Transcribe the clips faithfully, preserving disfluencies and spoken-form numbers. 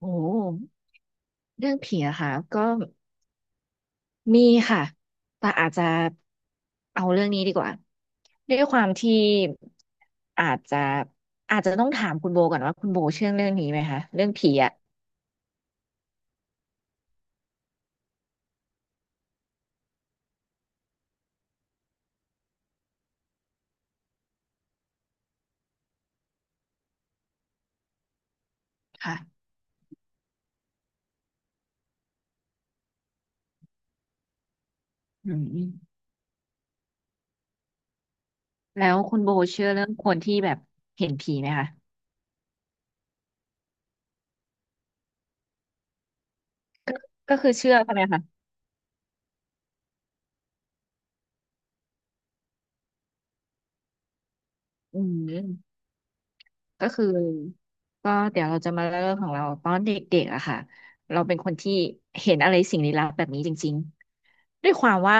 โอ้เรื่องผีอะค่ะก็มีค่ะแต่อาจจะเอาเรื่องนี้ดีกว่าด้วยความที่อาจจะอาจจะต้องถามคุณโบก่อนว่าคุณโบเชื่อเรื่องนี้ไหมคะเรื่องผีอะค่ะอืมแล้วคุณโบเชื่อเรื่องคนที่แบบเห็นผีไหมคะก็ก็คือเชื่อใช่ไหมคะอืมก็คือก็เดี๋ยวเราจะมาเริ่มของเราตอนเด็กๆอะค่ะเราเป็นคนที่เห็นอะไรสิ่งลี้ลับแบบนี้จริงๆด้วยความว่า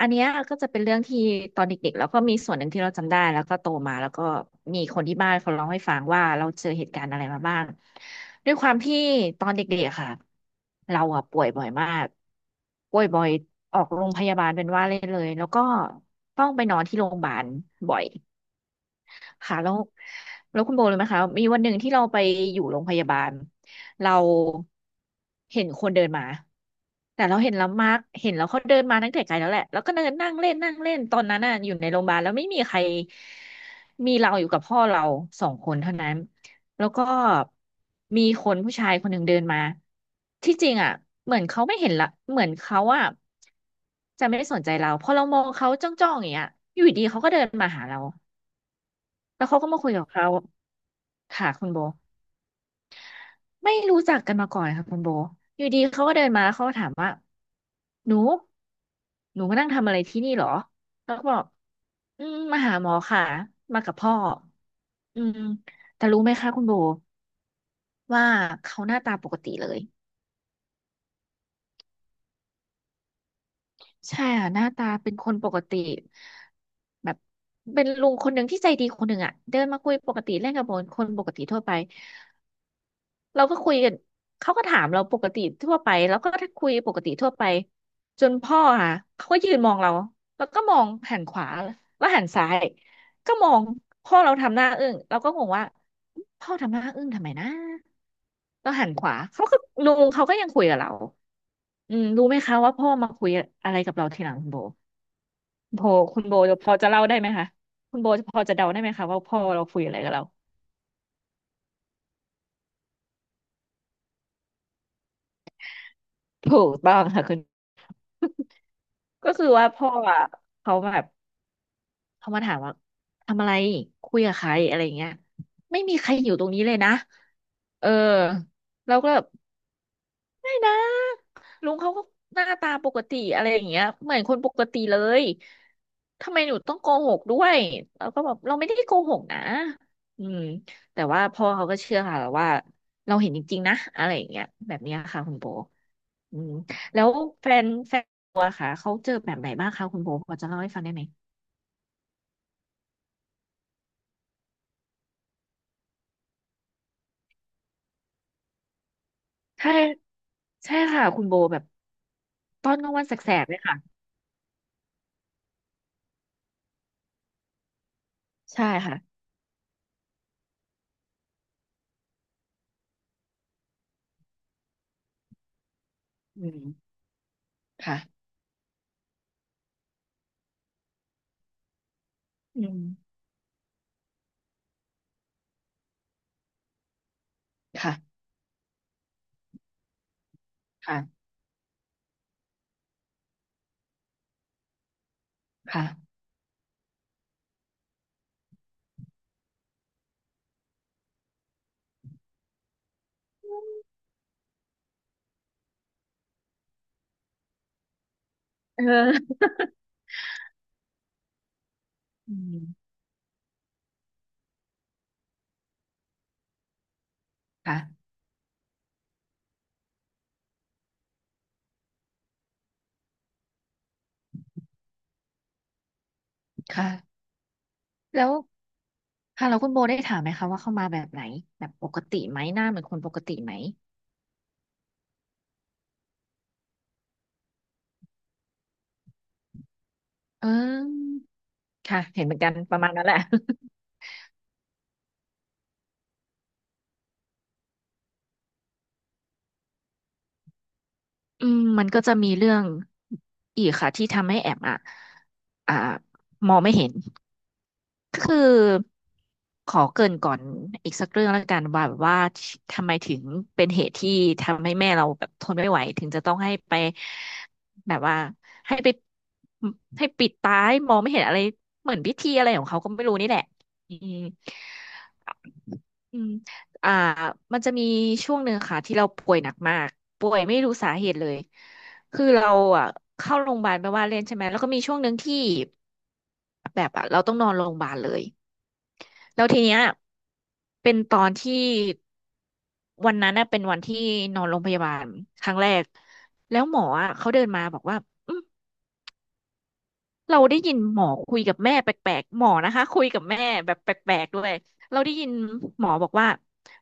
อันเนี้ยก็จะเป็นเรื่องที่ตอนเด็กๆแล้วก็มีส่วนหนึ่งที่เราจำได้แล้วก็โตมาแล้วก็มีคนที่บ้านเขาเล่าให้ฟังว่าเราเจอเหตุการณ์อะไรมาบ้างด้วยความที่ตอนเด็กๆอะค่ะเราอะป่วยบ่อยมากป่วยบ่อยออกโรงพยาบาลเป็นว่าเล่นเลยแล้วก็ต้องไปนอนที่โรงพยาบาลบ่อย ค่ะแล้วแล้วคุณโบรู้ไหมคะมีวันหนึ่งที่เราไปอยู่โรงพยาบาลเราเห็นคนเดินมาแต่เราเห็นแล้วมาร์กเห็นแล้วเขาเดินมาตั้งแต่ไกลแล้วแหละแล้วก็เดินนั่งเล่นนั่งเล่นตอนนั้นน่ะอยู่ในโรงพยาบาลแล้วไม่มีใครมีเราอยู่กับพ่อเราสองคนเท่านั้นแล้วก็มีคนผู้ชายคนหนึ่งเดินมาที่จริงอ่ะเหมือนเขาไม่เห็นละเหมือนเขาอ่ะจะไม่ได้สนใจเราพอเรามองเขาจ้องๆอย่างเงี้ยอยู่ดีเขาก็เดินมาหาเรา แล้วเขาก็มาคุยกับเขาค่ะคุณโบไม่รู้จักกันมาก่อนค่ะคุณโบอยู่ดีเขาก็เดินมาเขาก็ถามว่าหนูหนูมานั่งทำอะไรที่นี่เหรอแล้วก็บอกอืมมาหาหมอค่ะมากับพ่ออืมแต่รู้ไหมคะคุณโบว่าเขาหน้าตาปกติเลยใช่ค่ะหน้าตาเป็นคนปกติแบบเป็นลุงคนหนึ่งที่ใจดีคนหนึ่งอ่ะเดินมาคุยปกติเล่นกับคนปกติทั่วไป เราก็คุยกันเขาก็ถามเราปกติทั่วไปแล้วก็ถ้าคุยปกติทั่วไปจนพ่อค่ะเขาก็ยืนมองเราแล้วก็มองหันขวาแล้วหันซ้ายก็มองพ่อเราทำหน้าอึ้งเราก็งงว่าพ่อทำหน้าอึ้งทำไมนะแล้วหันขวาเขาก็ลุงเขาก็ยังคุยกับเราอืมรู้ไหมคะว่าพ่อมาคุยอะไรกับเราทีหลังคุณโบคุณโบคุณโบพอจะเล่าได้ไหมคะคุณโบพอจะเดาได้ไหมคะว่าพ่อเราคุยอะไรกับเราถูกต้องค่ะคุณก็คือว่าพ่ออ่ะเขาแบบ พอมาถามว่าทำอะไรคุยกับใครอะไรอย่างเงี้ยไม่มีใครอยู่ตรงนี้เลยนะเออเราก็แบบไม่นะลุงเขาก็หน้าตาปกติอะไรอย่างเงี้ยเหมือนคนปกติเลยทำไมหนูต้องโกหกด้วยเราก็แบบเราไม่ได้โกหกนะอืมแต่ว่าพ่อเขาก็เชื่อค่ะว่าเราเห็นจริงๆนะอะไรอย่างเงี้ยแบบเนี้ยค่ะคุณโบอืมแล้วแฟนแฟนตัวค่ะเขาเจอแบบไหนบ้างคะคุณโบพอจะเล่าให้ฟังได้ไหมใช่ใช่ค่ะคุณโบแบบ ตอนกลางวันแสกๆเลยค่ะใช่ค่ะอืมค่ะอืมค่ะค่ะค่ะเอออืมค่ะค่ะแล้วค่ะแล้วคุณโบได้ถามไหมคะว่าเข้ามาแบบไหนแบบปกติไหมหน้าเหมือนคนปกติไหมเออค่ะเห็นเหมือนกันประมาณนั้นแหละอืมมันก็จะมีเรื่องอีกค่ะที่ทำให้แอมอ่ะอ่ามองไม่เห็น คือขอเกริ่นก่อนอีกสักเรื่องแล้วกันว่าแบบว่าทำไมถึงเป็นเหตุที่ทำให้แม่เราแบบทนไม่ไหวถึงจะต้องให้ไปแบบว่าให้ไปให้ปิดตาให้มองไม่เห็นอะไรเหมือนพิธีอะไรของเขาก็ไม่รู้นี่แหละอืม อืมอ่ามันจะมีช่วงหนึ่งค่ะที่เราป่วยหนักมากป่วยไม่รู้สาเหตุเลยคือเราอ่ะเข้าโรงพยาบาลไปว่าเล่นใช่ไหมแล้วก็มีช่วงหนึ่งที่แบบอ่ะเราต้องนอนโรงพยาบาลเลย แล้วทีเนี้ยเป็นตอนที่วันนั้นน่ะเป็นวันที่นอนโรงพยาบาลครั้งแรกแล้วหมออ่ะเขาเดินมาบอกว่า เราได้ยินหมอคุยกับแม่แปลกๆหมอนะคะคุยกับแม่แบบแปลกๆด้วยเราได้ยินหมอบอกว่า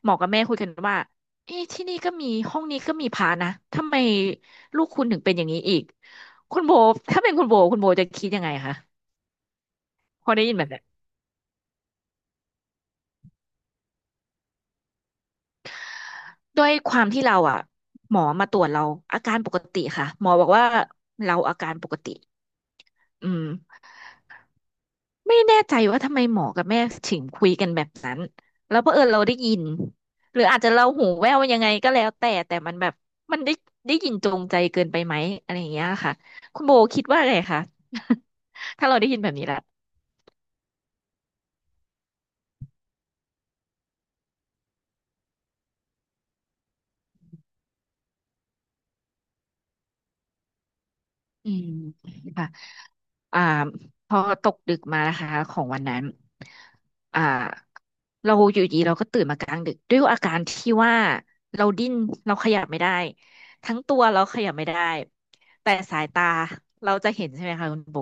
หมอกับแม่คุยกันว่าเอ๊ะที่นี่ก็มีห้องนี้ก็มีพระนะทำไมลูกคุณถึงเป็นอย่างนี้อีกคุณโบถ้าเป็นคุณโบคุณโบจะคิดยังไงคะพอได้ยินแบบเนี้ยด้วยความที่เราอ่ะหมอมาตรวจเราอาการปกติค่ะหมอบอกว่าเราอาการปกติอืม ไม่แน่ใจว่าทำไมหมอกับแม่ถึงคุยกันแบบนั้นแล้วเผอิญเราได้ยินหรืออาจจะเราหูแว่วยังไงก็แล้วแต่แต่มันแบบมันได้ได้ยินจงใจเกินไปไหมอะไรอย่างเงี้ยค่ะคุณโบคิดว่าไงคะ ถ้าเราได้ยินแบบนี้ละอืมค่ะอ่าพอตกดึกมานะคะของวันนั้นอ่าเราอยู่ดีเราก็ตื่นมากลางดึกด้วยอาการที่ว่าเราดิ้นเราขยับไม่ได้ ทั้งตัวเราขยับไม่ได้แต่สายตาเราจะเห็นใช่ไหมคะคุณโบ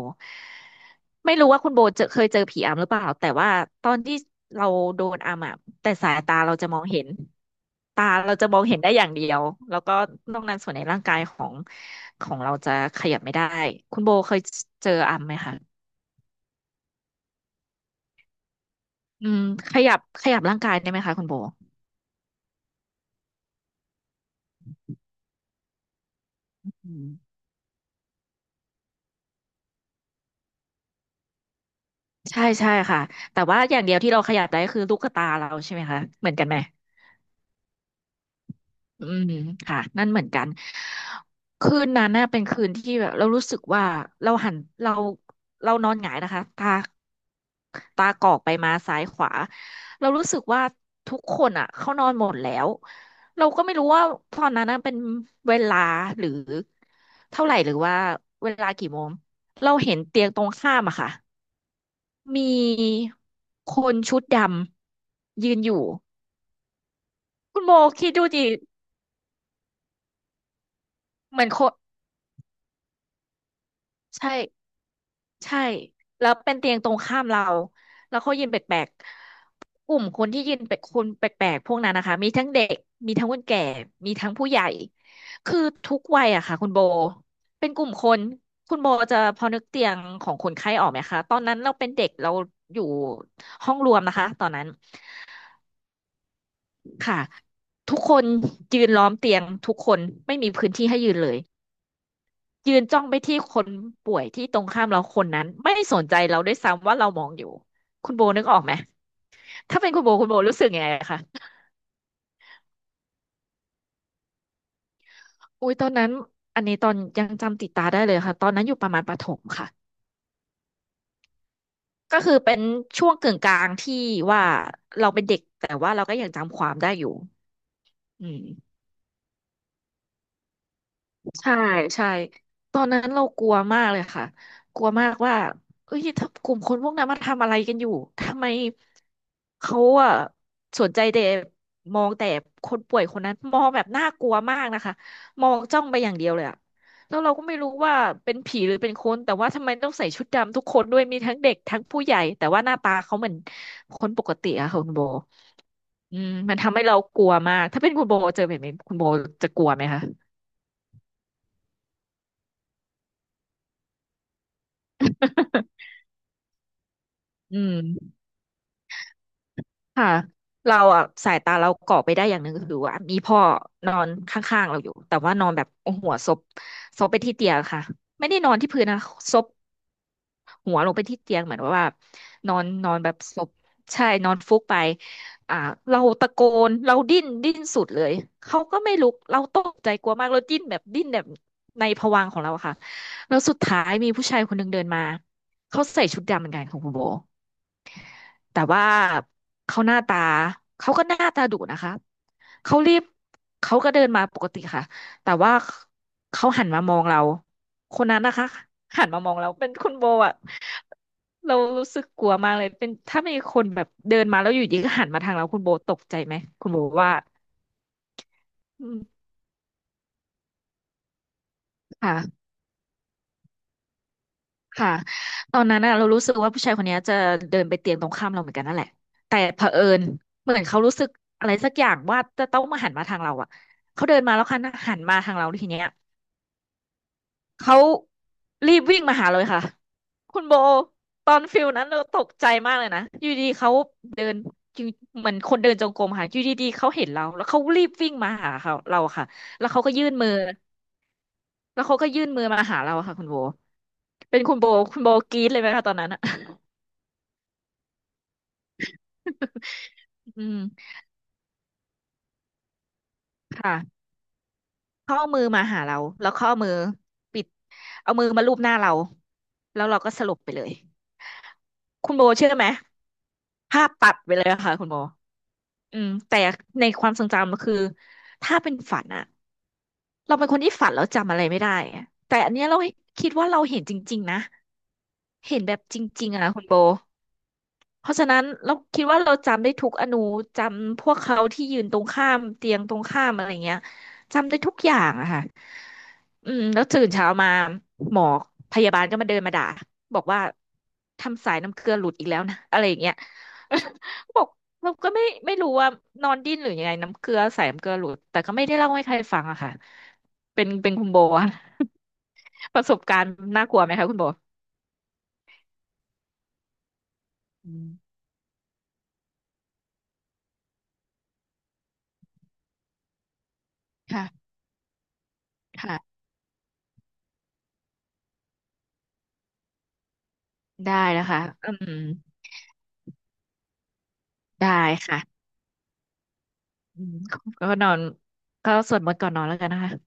ไม่รู้ว่าคุณโบเจอเคยเจอผีอำหรือเปล่าแต่ว่าตอนที่เราโดนอำอ่ะแต่สายตาเราจะมองเห็นตาเราจะมองเห็นได้อย่างเดียวแล้วก็นอกนั้นส่วนในร่างกายของของเราจะขยับไม่ได้คุณโบเคยเจออำไหมคะอืมขยับขยับร่างกายได้ไหมคะคุณโบอืมใช่ใช่ค่ะแต่ว่าอย่างเดียวที่เราขยับได้คือลูกตาเราใช่ไหมคะเหมือนกันไหม อืมค่ะนั่นเหมือนกันคืนนั้นน่ะเป็นคืนที่แบบเรารู้สึกว่าเราหันเราเรานอนหงายนะคะตาตากอกไปมาซ้ายขวาเรารู้สึกว่าทุกคนอ่ะเขานอนหมดแล้วเราก็ไม่รู้ว่าตอนนั้นน่ะเป็นเวลาหรือเท่าไหร่หรือว่าเวลากี่โมงเราเห็นเตียงตรงข้ามอะค่ะมีคนชุดดำยืนอยู่คุณโมคิดดูดิเหมือนคนใช่ ใช่แล้วเป็นเตียงตรงข้ามเราแล้วเขายืนแปลกๆกลุ่มคนที่ยืนแปลกคนแปลกๆพวกนั้นนะคะมีทั้งเด็กมีทั้งคนแก่มีทั้งผู้ใหญ่คือทุกวัยอะค่ะคุณโบเป็นกลุ่มคนคุณโบจะพอนึกเตียงของคนไข้ออกไหมคะตอนนั้นเราเป็นเด็กเราอยู่ห้องรวมนะคะตอนนั้นค่ะทุกคนยืนล้อมเตียงทุกคนไม่มีพื้นที่ให้ยืนเลย ยืนจ้องไปที่คนป่วยที่ตรงข้ามเราคนนั้นไม่สนใจเราด้วยซ้ำว่าเรามองอยู่คุณโบนึกออกไหมถ้าเป็นคุณโบคุณโบรู้สึกยังไงคะอุ้ยตอนนั้นอันนี้ตอนยังจำติดตาได้เลยค่ะตอนนั้นอยู่ประมาณประถมค่ะก็คือเป็นช่วงกึ่งกลางที่ว่าเราเป็นเด็กแต่ว่าเราก็ยังจำความได้อยู่อืม ใช่ใช่ตอนนั้นเรากลัวมากเลยค่ะกลัวมากว่าเอ้ยถ้ากลุ่มคนพวกนั้นมาทำอะไรกันอยู่ทำไมเขาอะสนใจแต่มองแต่คนป่วยคนนั้นมองแบบน่ากลัวมากนะคะมองจ้องไปอย่างเดียวเลยอะแล้วเราก็ไม่รู้ว่าเป็นผีหรือเป็นคนแต่ว่าทำไมต้องใส่ชุดดำทุกคนด้วยมีทั้งเด็กทั้งผู้ใหญ่แต่ว่าหน้าตาเขาเหมือนคนปกติอะค่ะคุณโบอืมมันทำให้เรากลัวมากถ้าเป็นคุณโบเจอแบบนี้คุณโบจะกลัวไหมคะ อืม ค่ะเราอ่ะสายตาเราเกาะไปได้อย่างหนึ่งคือว่ามีพ่อนอนข้างๆเราอยู่แต่ว่านอนแบบเอาหัวซบซบไปที่เตียงค่ะไม่ได้นอนที่พื้นนะซบหัวลงไปที่เตียงเหมือนว่านอนนอนแบบซบใช่นอนฟุบไปอ่าเราตะโกนเราดิ้นดิ้นสุดเลยเขาก็ไม่ลุกเราตกใจกลัวมากเราดิ้นแบบดิ้นแบบในภวังค์ของเราอะค่ะแล้วสุดท้ายมีผู้ชายคนหนึ่งเดินมาเขาใส่ชุดดำเหมือนกันของคุณโบ แต่ว่าเขาหน้าตาเขาก็หน้าตาดุนะคะเขารีบเขาก็เดินมาปกติค่ะแต่ว่าเขาหันมามองเราคนนั้นนะคะหันมามองเราเป็นคุณโบอะเรารู้สึกกลัวมากเลยเป็นถ้ามีคนแบบเดินมาแล้วอยู่ดีก็หันมาทางเราคุณโบตกใจไหมคุณโบว่าอืมค่ะ ค่ะตอนนั้นน่ะเรารู้สึกว่าผู้ชายคนเนี้ยจะเดินไปเตียงตรงข้ามเราเหมือนกันนั่นแหละแต่เผอิญเหมือนเขารู้สึกอะไรสักอย่างว่าจะต้องมาหันมาทางเราอ่ะเขาเดินมาแล้วค่ะหันมาทางเราทีเนี้ยเขารีบวิ่งมาหาเลยค่ะคุณโบตอนฟิลนั้นเราตกใจมากเลยนะอยู่ดีเขาเดินอยู่เหมือนคนเดินจงกรมค่ะอยู่ดีๆเขาเห็นเราแล้วเขารีบวิ่งมาหาเขาเราค่ะแล้วเขาก็ยื่นมือแล้วเขาก็ยื่นมือมาหาเราค่ะคุณโบเป็นคุณโบคุณโบกรี๊ดเลยไหมคะตอนนั้นอะ อืมค่ะเข้าเอามือมาหาเราแล้วเข้าเอามือปิดเอามือมาลูบหน้าเราแล้วเราก็สลบไปเลยคุณโบเชื่อไหมภาพตัดไปเลยอะค่ะคุณโบอืมแต่ในความทรงจำมันคือถ้าเป็นฝันอะเราเป็นคนที่ฝันแล้วจำอะไรไม่ได้อะแต่อันเนี้ยเราคิดว่าเราเห็นจริงๆนะเห็นแบบจริงๆอะคุณโบ เพราะฉะนั้นเราคิดว่าเราจำได้ทุกอนูจำพวกเขาที่ยืนตรงข้ามเตียงตรงข้ามอะไรเงี้ยจำได้ทุกอย่างอะค่ะอืมแล้วตื่นเช้ามาหมอพยาบาลก็มาเดินมาด่าบอกว่าทำสายน้ำเกลือหลุดอีกแล้วนะอะไรอย่างเงี้ย บอกเราก็ไม่ไม่รู้ว่านอนดิ้นหรือยังไงน้ำเกลือสายน้ำเกลือหลุดแต่ก็ไม่ได้เล่าให้ใครฟังอะค่ะเป็นเป็นคุณโบอะ ประสบการณ์น่ากลัวไหมคะคุณโบอืมค่ะค่ะได้นะคะอืมได้ค่ะ อืมก็นอนก็สวดมนต์ก่อนนอนแล้วกันนะคะ